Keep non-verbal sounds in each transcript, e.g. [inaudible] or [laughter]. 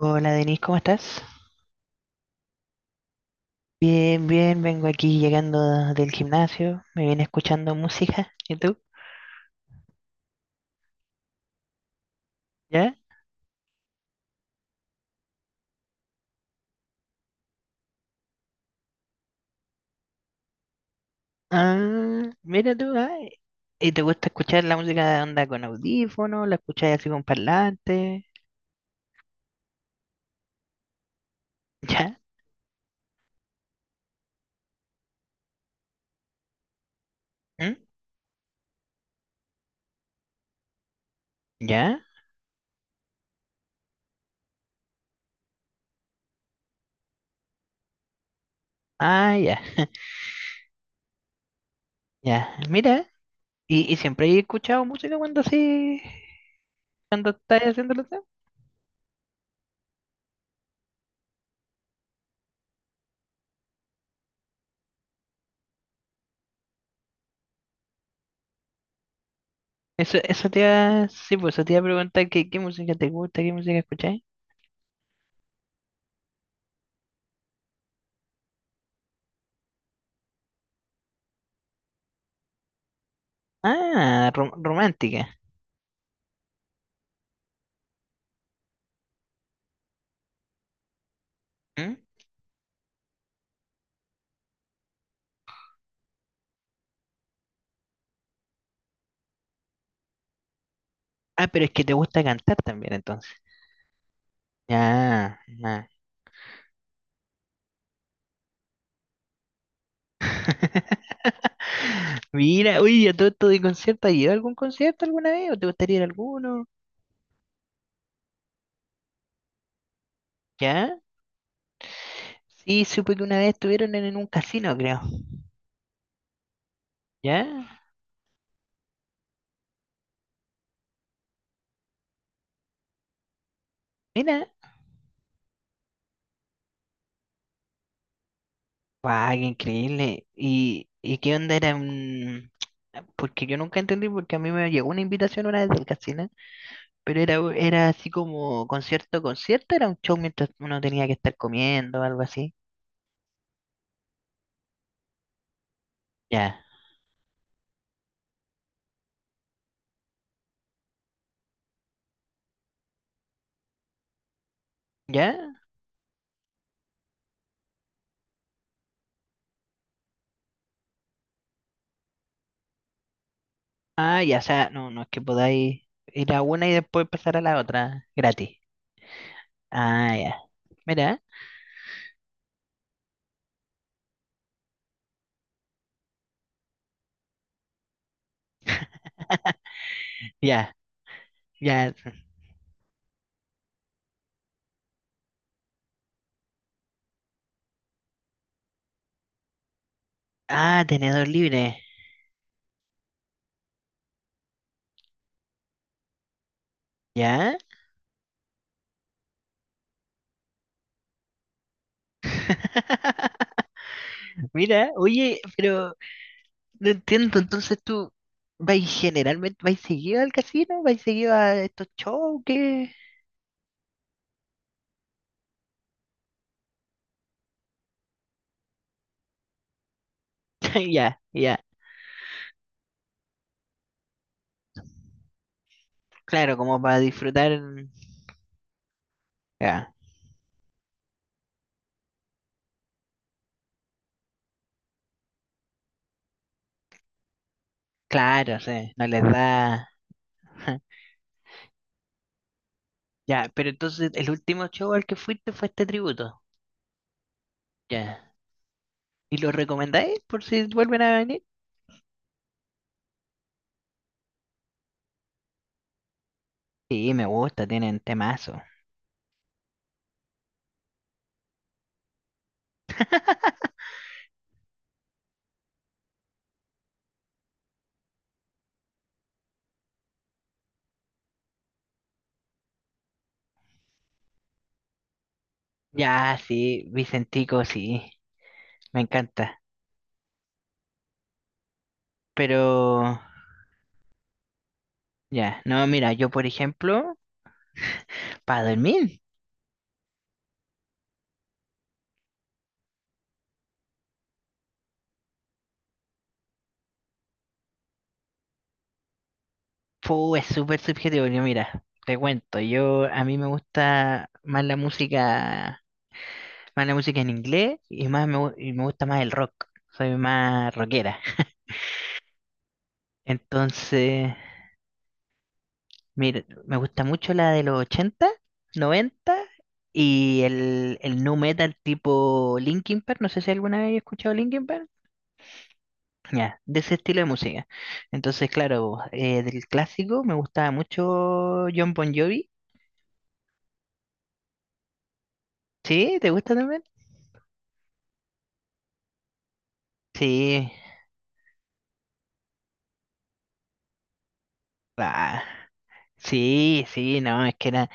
Hola Denise, ¿cómo estás? Bien, bien, vengo aquí llegando del gimnasio, me viene escuchando música. ¿Y tú? ¿Ya? Ah, mira tú, ah, ¿y te gusta escuchar la música de onda con audífono? ¿La escuchas así con parlante? ¿Ya? ¿Mm? ¿Ya? Ah, ya, [laughs] ya. Mira, y siempre he escuchado música cuando así, cuando estás haciendo lo que- Eso te iba, sí, pues eso te iba a preguntar qué, música te gusta, qué música escuchas. Ah, romántica. ¿Mm? Ah, pero es que te gusta cantar también, entonces. Ya, ya. [laughs] Mira, uy, a todo esto de concierto, ¿has ido a algún concierto alguna vez? ¿O te gustaría ir a alguno? ¿Ya? Sí, supe que una vez estuvieron en un casino, creo. ¿Ya? Mira. ¡Guau, qué increíble! ¿Y qué onda era? Porque yo nunca entendí, porque a mí me llegó una invitación una vez del casino, pero era, era así como concierto, concierto, era un show mientras uno tenía que estar comiendo, algo así. ¿Ya? ¿Ya? Ah, ya, o sea, no, no es que podáis ir a una y después pasar a la otra, gratis. Ah, ya. Mira, ya, ya. Ah, tenedor libre. ¿Ya? [laughs] Mira, oye, pero no entiendo, entonces tú vais generalmente, vais seguido al casino, vais seguido a estos shows que... [laughs] Ya, ya. Claro, como para disfrutar. Ya, claro, sí, no les da... [laughs] Ya, pero entonces el último show al que fuiste fue este tributo. Ya. ¿Y los recomendáis por si vuelven a venir? Sí, me gusta, tienen temazo. Ya, sí, Vicentico, sí, me encanta. Pero, ya, no, mira, yo por ejemplo, para dormir, fu, es súper subjetivo. Yo, mira, te cuento, yo a mí me gusta más la música en inglés y y me gusta más el rock. Soy más rockera. Entonces, mire, me gusta mucho la de los 80 90 y el nu metal tipo Linkin Park. No sé si alguna vez he escuchado Linkin Park. Ya, de ese estilo de música. Entonces, claro, del clásico me gustaba mucho John Bon Jovi. ¿Sí? ¿Te gusta también? Sí. Ah, sí, sí, no, es que era,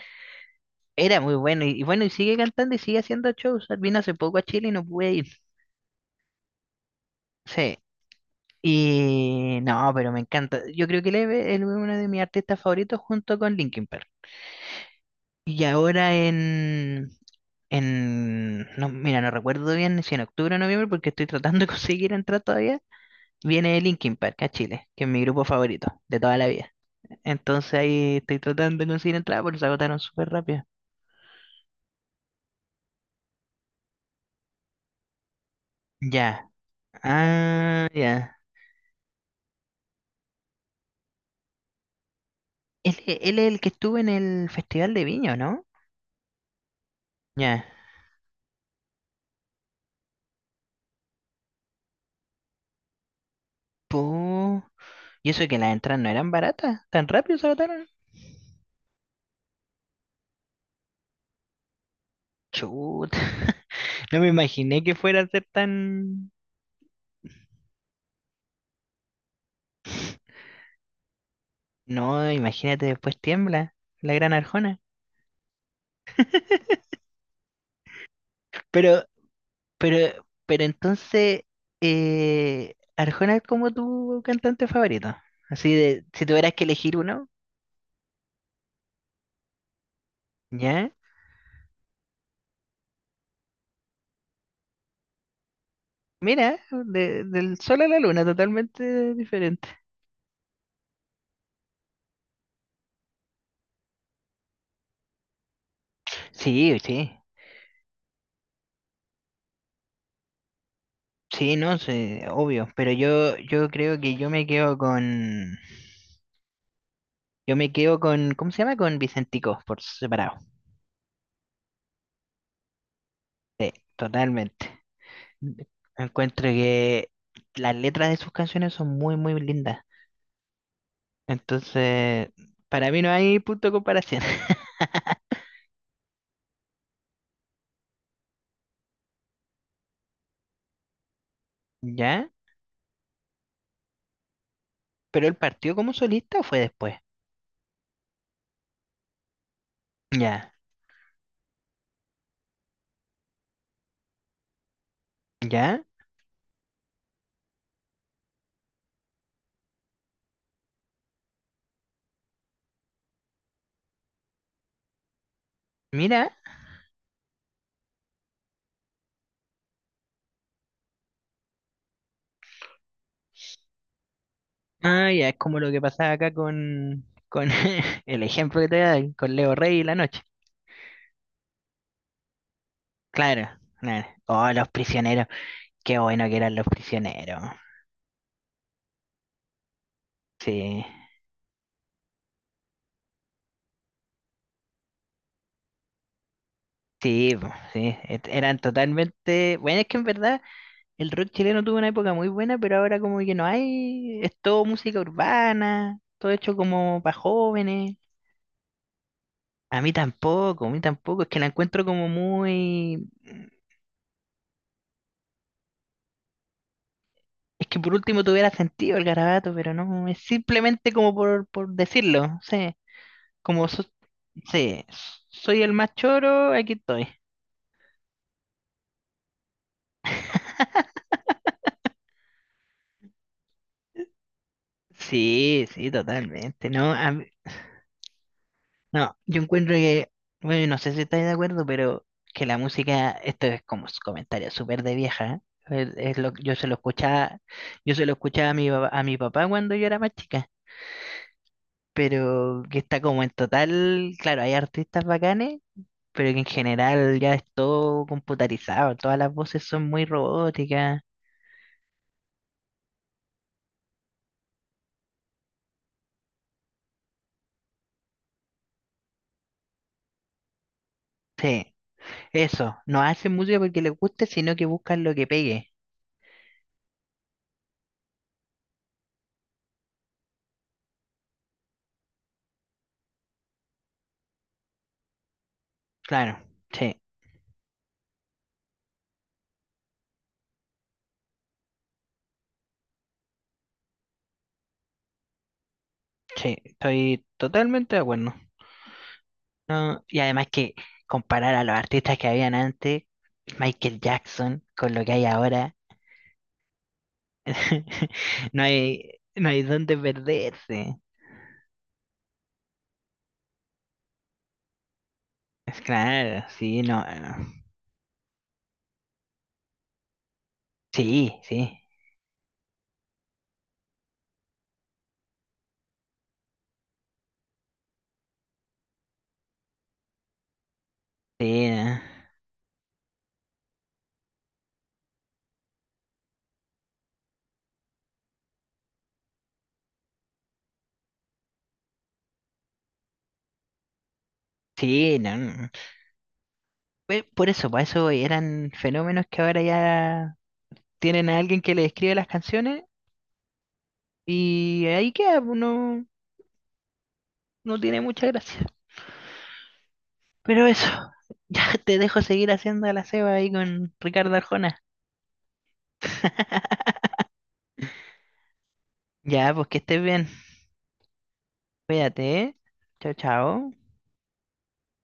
era muy bueno. Y bueno, y sigue cantando y sigue haciendo shows. Vino hace poco a Chile y no pude ir. Sí. Y no, pero me encanta. Yo creo que él es uno de mis artistas favoritos junto con Linkin Park. Y ahora no, mira, no recuerdo bien si en octubre o noviembre, porque estoy tratando [laughs] de conseguir entrar todavía, viene Linkin Park a Chile, que es mi grupo favorito de toda la vida. Entonces ahí estoy tratando de conseguir entrada porque se agotaron súper rápido. Ya, ah, ya. Él es el que estuvo en el Festival de Viña, ¿o no? Ya. Pu- Y eso que las entradas no eran baratas, tan rápido se agotaron. Chut. [laughs] No me imaginé que fuera a ser tan... No, imagínate, después tiembla la Gran Arjona. [laughs] Pero, pero entonces, Arjona es como tu cantante favorito. Así de, si tuvieras que elegir uno, ¿ya? Mira, del sol a la luna, totalmente diferente. Sí, sí, sí, no sé, obvio. Pero yo creo que yo me quedo con, ¿cómo se llama? Con Vicentico, por separado. Totalmente. Encuentro que las letras de sus canciones son muy, muy lindas. Entonces, para mí no hay punto de comparación. [laughs] ¿Ya? ¿Pero él partió como solista o fue después? Ya, ya. Mira. Ah, ya, es como lo que pasaba acá con, [laughs] el ejemplo que te voy a dar, con Leo Rey y La Noche. Claro, claro. Oh, los prisioneros. Qué bueno que eran los prisioneros. Sí, sí, po, sí. Eran totalmente. Bueno, es que en verdad el rock chileno tuvo una época muy buena, pero ahora como que no hay, es todo música urbana, todo hecho como para jóvenes. A mí tampoco, es que la encuentro como muy... Es que por último tuviera sentido el garabato, pero no, es simplemente como por, decirlo, sí, como sí, soy el más choro, aquí estoy. Sí, sí, totalmente, ¿no? No, yo encuentro que, bueno, no sé si estáis de acuerdo, pero que la música, esto es como un comentario súper de vieja, ¿eh? Yo se lo escuchaba, a mi papá cuando yo era más chica, pero que está como en total, claro, hay artistas bacanes, pero que en general ya es todo computarizado, todas las voces son muy robóticas. Sí, eso, no hacen música porque les guste, sino que buscan lo que pegue. Claro, sí, sí, estoy totalmente de acuerdo. No, y además que comparar a los artistas que habían antes, Michael Jackson, con lo que hay ahora, [laughs] no hay dónde perderse. Es claro, sí, no, no. Sí, sí, sí, no, sí, no. No. Pues por eso voy, eran fenómenos que ahora ya tienen a alguien que le escribe las canciones y ahí queda, pues, no, no tiene mucha gracia. Pero eso, [laughs] ya te dejo seguir haciendo la ceba ahí con Ricardo Arjona. [laughs] Ya, pues que estés bien. Cuídate, ¿eh? Chao, chao.